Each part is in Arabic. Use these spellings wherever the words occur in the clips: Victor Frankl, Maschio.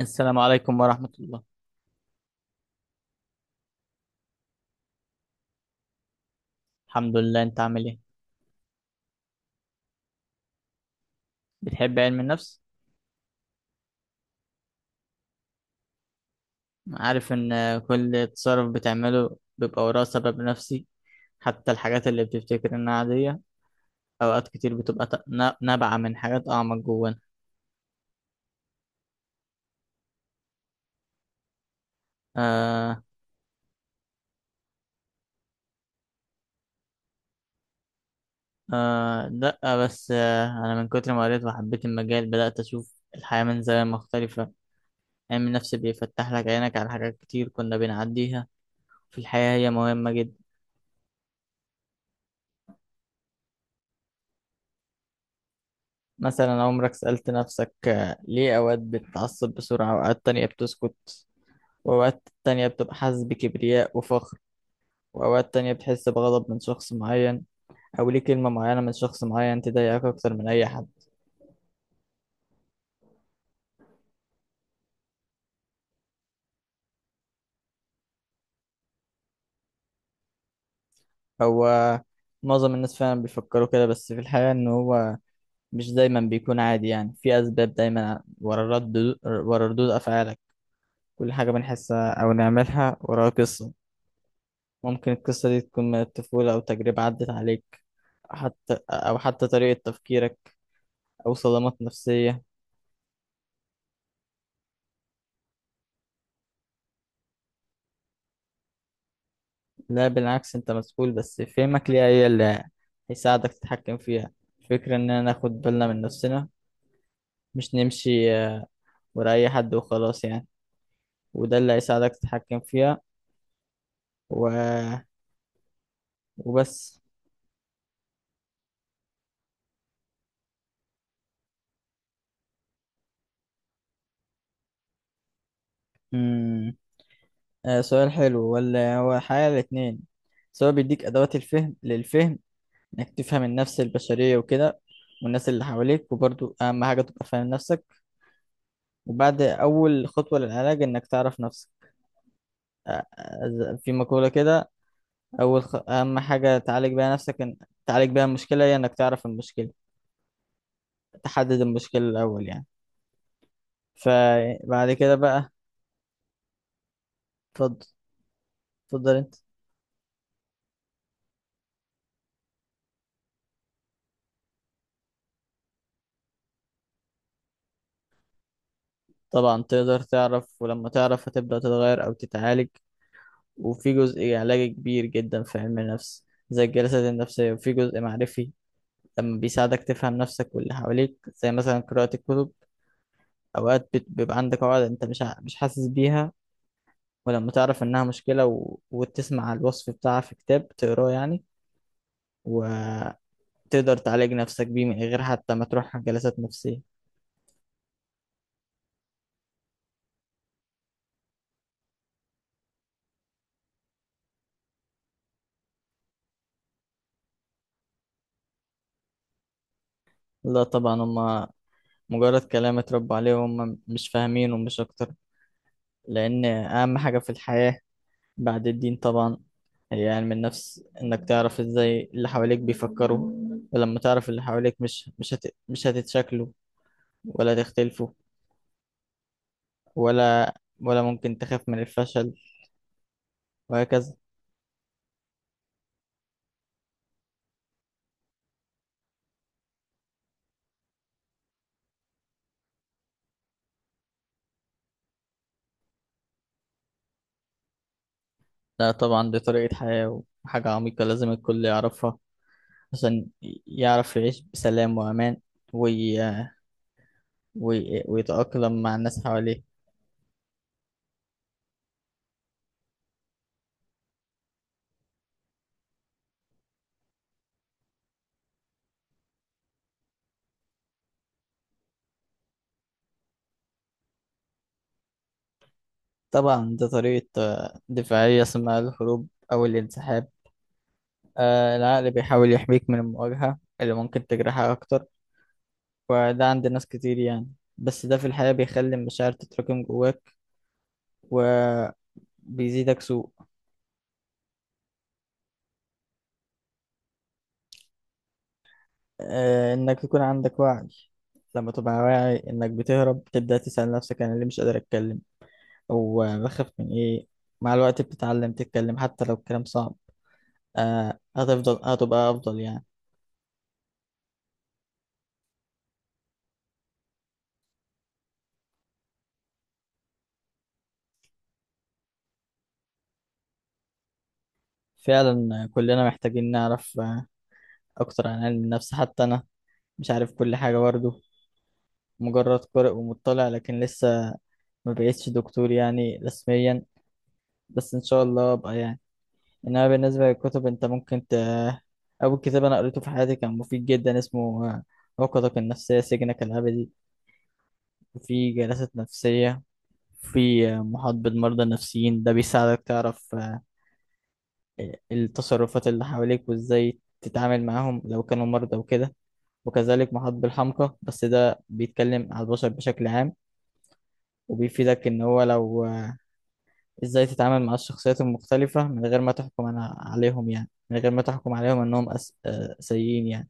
السلام عليكم ورحمة الله. الحمد لله، انت عامل ايه؟ بتحب علم النفس؟ عارف ان كل تصرف بتعمله بيبقى وراه سبب نفسي، حتى الحاجات اللي بتفتكر انها عادية. اوقات كتير بتبقى نابعة من حاجات اعمق جوانا. آه. آه، لا بس انا من كتر ما قريت وحبيت المجال بدأت اشوف الحياة من زاوية مختلفة. علم النفس بيفتح لك عينك على حاجات كتير كنا بنعديها في الحياة، هي مهمة جدا. مثلا، عمرك سألت نفسك ليه أوقات بتتعصب بسرعة وأوقات تانية بتسكت؟ وأوقات تانية بتبقى حاسس بكبرياء وفخر، وأوقات تانية بتحس بغضب من شخص معين. أو ليه كلمة معينة من شخص معين تضايقك أكتر من أي حد؟ هو معظم الناس فعلا بيفكروا كده، بس في الحقيقة إن هو مش دايما بيكون عادي، يعني في أسباب دايما ورا الرد، ورا ردود أفعالك. كل حاجة بنحسها أو نعملها وراها قصة. ممكن القصة دي تكون من الطفولة أو تجربة عدت عليك، حتى أو حتى طريقة تفكيرك، أو صدمات نفسية. لا بالعكس، أنت مسؤول بس فهمك ليها هي اللي هيساعدك تتحكم فيها. الفكرة إننا ناخد بالنا من نفسنا، مش نمشي ورا أي حد وخلاص يعني. وده اللي هيساعدك تتحكم فيها. و... وبس. مم. سؤال حلو، ولا هو الحقيقة الاتنين، سواء بيديك أدوات الفهم للفهم، إنك تفهم النفس البشرية وكده، والناس اللي حواليك، وبرضو أهم حاجة تبقى فاهم نفسك. وبعد، أول خطوة للعلاج إنك تعرف نفسك. في مقولة كده، أهم حاجة تعالج بيها نفسك، تعالج بيها المشكلة هي إنك تعرف المشكلة، تحدد المشكلة الأول يعني. فبعد كده بقى، اتفضل. اتفضل أنت. طبعا تقدر تعرف، ولما تعرف هتبدأ تتغير أو تتعالج. وفي جزء علاجي كبير جدا في علم النفس زي الجلسات النفسية، وفي جزء معرفي لما بيساعدك تفهم نفسك واللي حواليك، زي مثلا قراءة الكتب. أوقات بيبقى عندك عقد أنت مش حاسس بيها، ولما تعرف إنها مشكلة وتسمع الوصف بتاعها في كتاب تقراه يعني، وتقدر تعالج نفسك بيه من غير حتى ما تروح جلسات نفسية. لا طبعا، هما مجرد كلام اتربوا عليه وهم مش فاهمين، ومش أكتر. لأن أهم حاجة في الحياة، بعد الدين طبعا، هي علم النفس. إنك تعرف إزاي اللي حواليك بيفكروا، ولما تعرف اللي حواليك مش هتتشكلوا ولا تختلفوا، ولا ولا ممكن تخاف من الفشل، وهكذا. لا طبعا، دي طريقة حياة وحاجة عميقة لازم الكل يعرفها عشان يعرف يعيش بسلام وأمان، وي... ويتأقلم مع الناس حواليه. طبعا دي طريقة دفاعية اسمها الهروب أو الانسحاب. العقل بيحاول يحميك من المواجهة اللي ممكن تجرحك أكتر، وده عند ناس كتير يعني. بس ده في الحياة بيخلي المشاعر تتراكم جواك وبيزيدك سوء. انك يكون عندك وعي. لما تبقى واعي انك بتهرب، تبدأ تسأل نفسك، انا ليه مش قادر اتكلم؟ او بخاف من ايه؟ مع الوقت بتتعلم تتكلم حتى لو الكلام صعب. هتفضل، هتبقى افضل يعني. فعلا كلنا محتاجين نعرف اكتر عن علم النفس. حتى انا مش عارف كل حاجة برضه، مجرد قارئ ومطلع لكن لسه ما بقيتش دكتور يعني رسميا، بس ان شاء الله ابقى يعني. انما بالنسبه للكتب، انت ممكن اول كتاب انا قريته في حياتي كان مفيد جدا، اسمه عقدك النفسيه سجنك الابدي. في جلسات نفسيه، في محاط بالمرضى النفسيين، ده بيساعدك تعرف التصرفات اللي حواليك وازاي تتعامل معاهم لو كانوا مرضى وكده. وكذلك محاط بالحمقى، بس ده بيتكلم على البشر بشكل عام، وبيفيدك ان هو لو ازاي تتعامل مع الشخصيات المختلفة من غير ما تحكم عليهم، يعني من غير ما تحكم عليهم انهم أس... آه، سيئين يعني،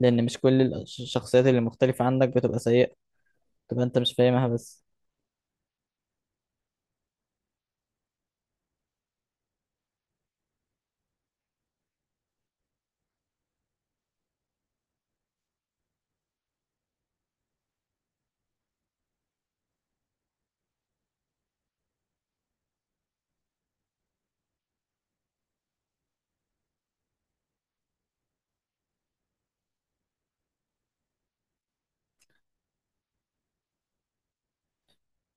لأن مش كل الشخصيات اللي مختلفة عنك بتبقى سيئة، تبقى أنت مش فاهمها بس.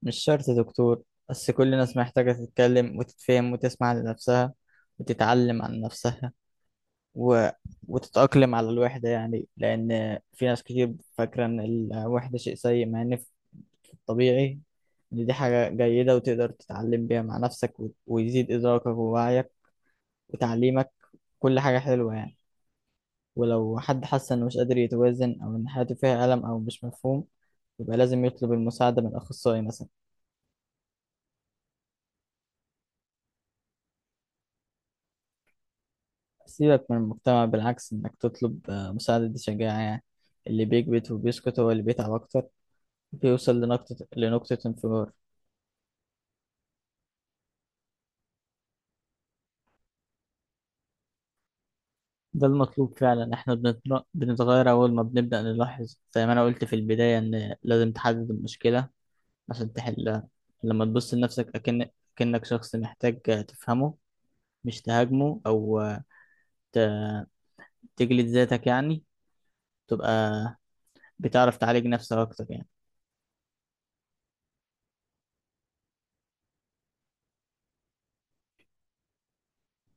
مش شرط دكتور، بس كل الناس محتاجة تتكلم وتتفهم وتسمع لنفسها وتتعلم عن نفسها، و... وتتأقلم على الوحدة يعني. لأن في ناس كتير فاكرة إن الوحدة شيء سيء، مع إن في، في الطبيعي، إن دي حاجة جيدة وتقدر تتعلم بيها مع نفسك، ويزيد إدراكك ووعيك وتعليمك. كل حاجة حلوة يعني. ولو حد حس إنه مش قادر يتوازن، أو إن حياته فيها ألم أو مش مفهوم، يبقى لازم يطلب المساعدة من أخصائي مثلا. سيبك من المجتمع، بالعكس إنك تطلب مساعدة دي شجاعة يعني. اللي بيكبت وبيسكت هو اللي بيتعب أكتر، بيوصل لنقطة انفجار. ده المطلوب فعلا. إحنا بنتغير أول ما بنبدأ نلاحظ، زي ما أنا قلت في البداية، إن لازم تحدد المشكلة عشان تحلها. لما تبص لنفسك أكنك شخص محتاج تفهمه، مش تهاجمه أو تجلد ذاتك يعني، تبقى بتعرف تعالج نفسك أكتر يعني.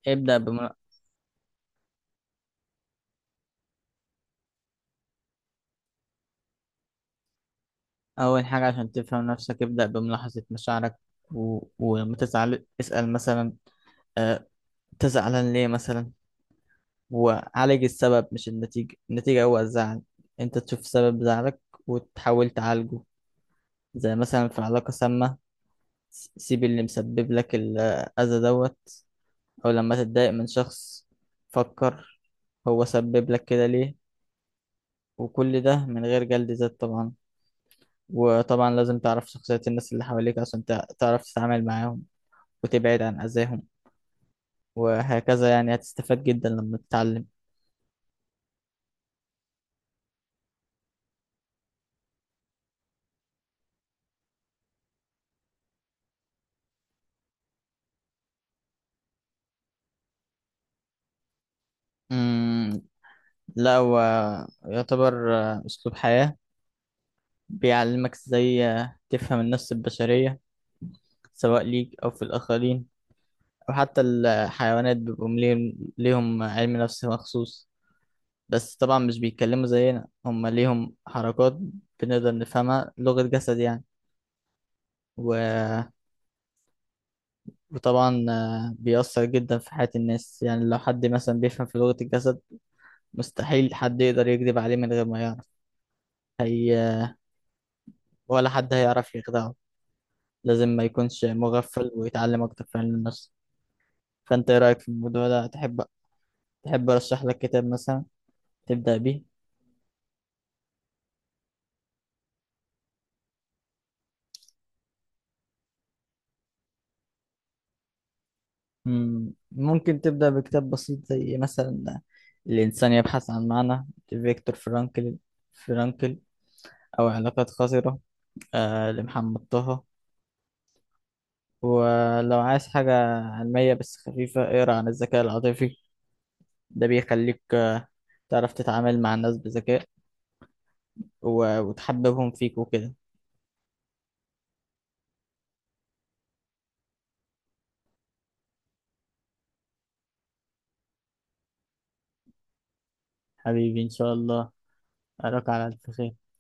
ابدأ بم... أول حاجة عشان تفهم نفسك، ابدأ بملاحظة مشاعرك. ولما تزعل اسأل مثلا، أه... أنت زعلان ليه مثلا؟ وعالج السبب مش النتيجة، النتيجة هو الزعل. أنت تشوف سبب زعلك وتحاول تعالجه. زي مثلا في علاقة سامة، سيب اللي مسبب لك الأذى دوت. أو لما تتضايق من شخص، فكر، هو سبب لك كده ليه، وكل ده من غير جلد ذات طبعا. وطبعا لازم تعرف شخصية الناس اللي حواليك عشان تعرف تتعامل معاهم وتبعد عن أذاهم، وهكذا يعني. هتستفاد جدا لما تتعلم. مم، لا هو يعتبر أسلوب حياة، بيعلمك ازاي تفهم النفس البشرية سواء ليك أو في الآخرين، أو حتى الحيوانات بيبقوا ليهم علم نفس مخصوص. بس طبعا مش بيتكلموا زينا، هم ليهم حركات بنقدر نفهمها، لغة جسد يعني. و وطبعا بيأثر جدا في حياة الناس يعني. لو حد مثلا بيفهم في لغة الجسد، مستحيل حد يقدر يكذب عليه من غير ما يعرف هي، ولا حد هيعرف يخدعه. لازم ما يكونش مغفل ويتعلم أكتر في علم النفس. فأنت إيه رأيك في الموضوع ده؟ تحب أرشح لك كتاب مثلا تبدأ بيه؟ مم، ممكن تبدأ بكتاب بسيط زي مثلا الإنسان يبحث عن معنى لفيكتور فرانكل، فرانكل أو علاقات خطرة لمحمد طه. ولو عايز حاجة علمية بس خفيفة، اقرا عن الذكاء العاطفي، ده بيخليك تعرف تتعامل مع الناس بذكاء وتحببهم فيك وكده. حبيبي، إن شاء الله أراك على ألف خير.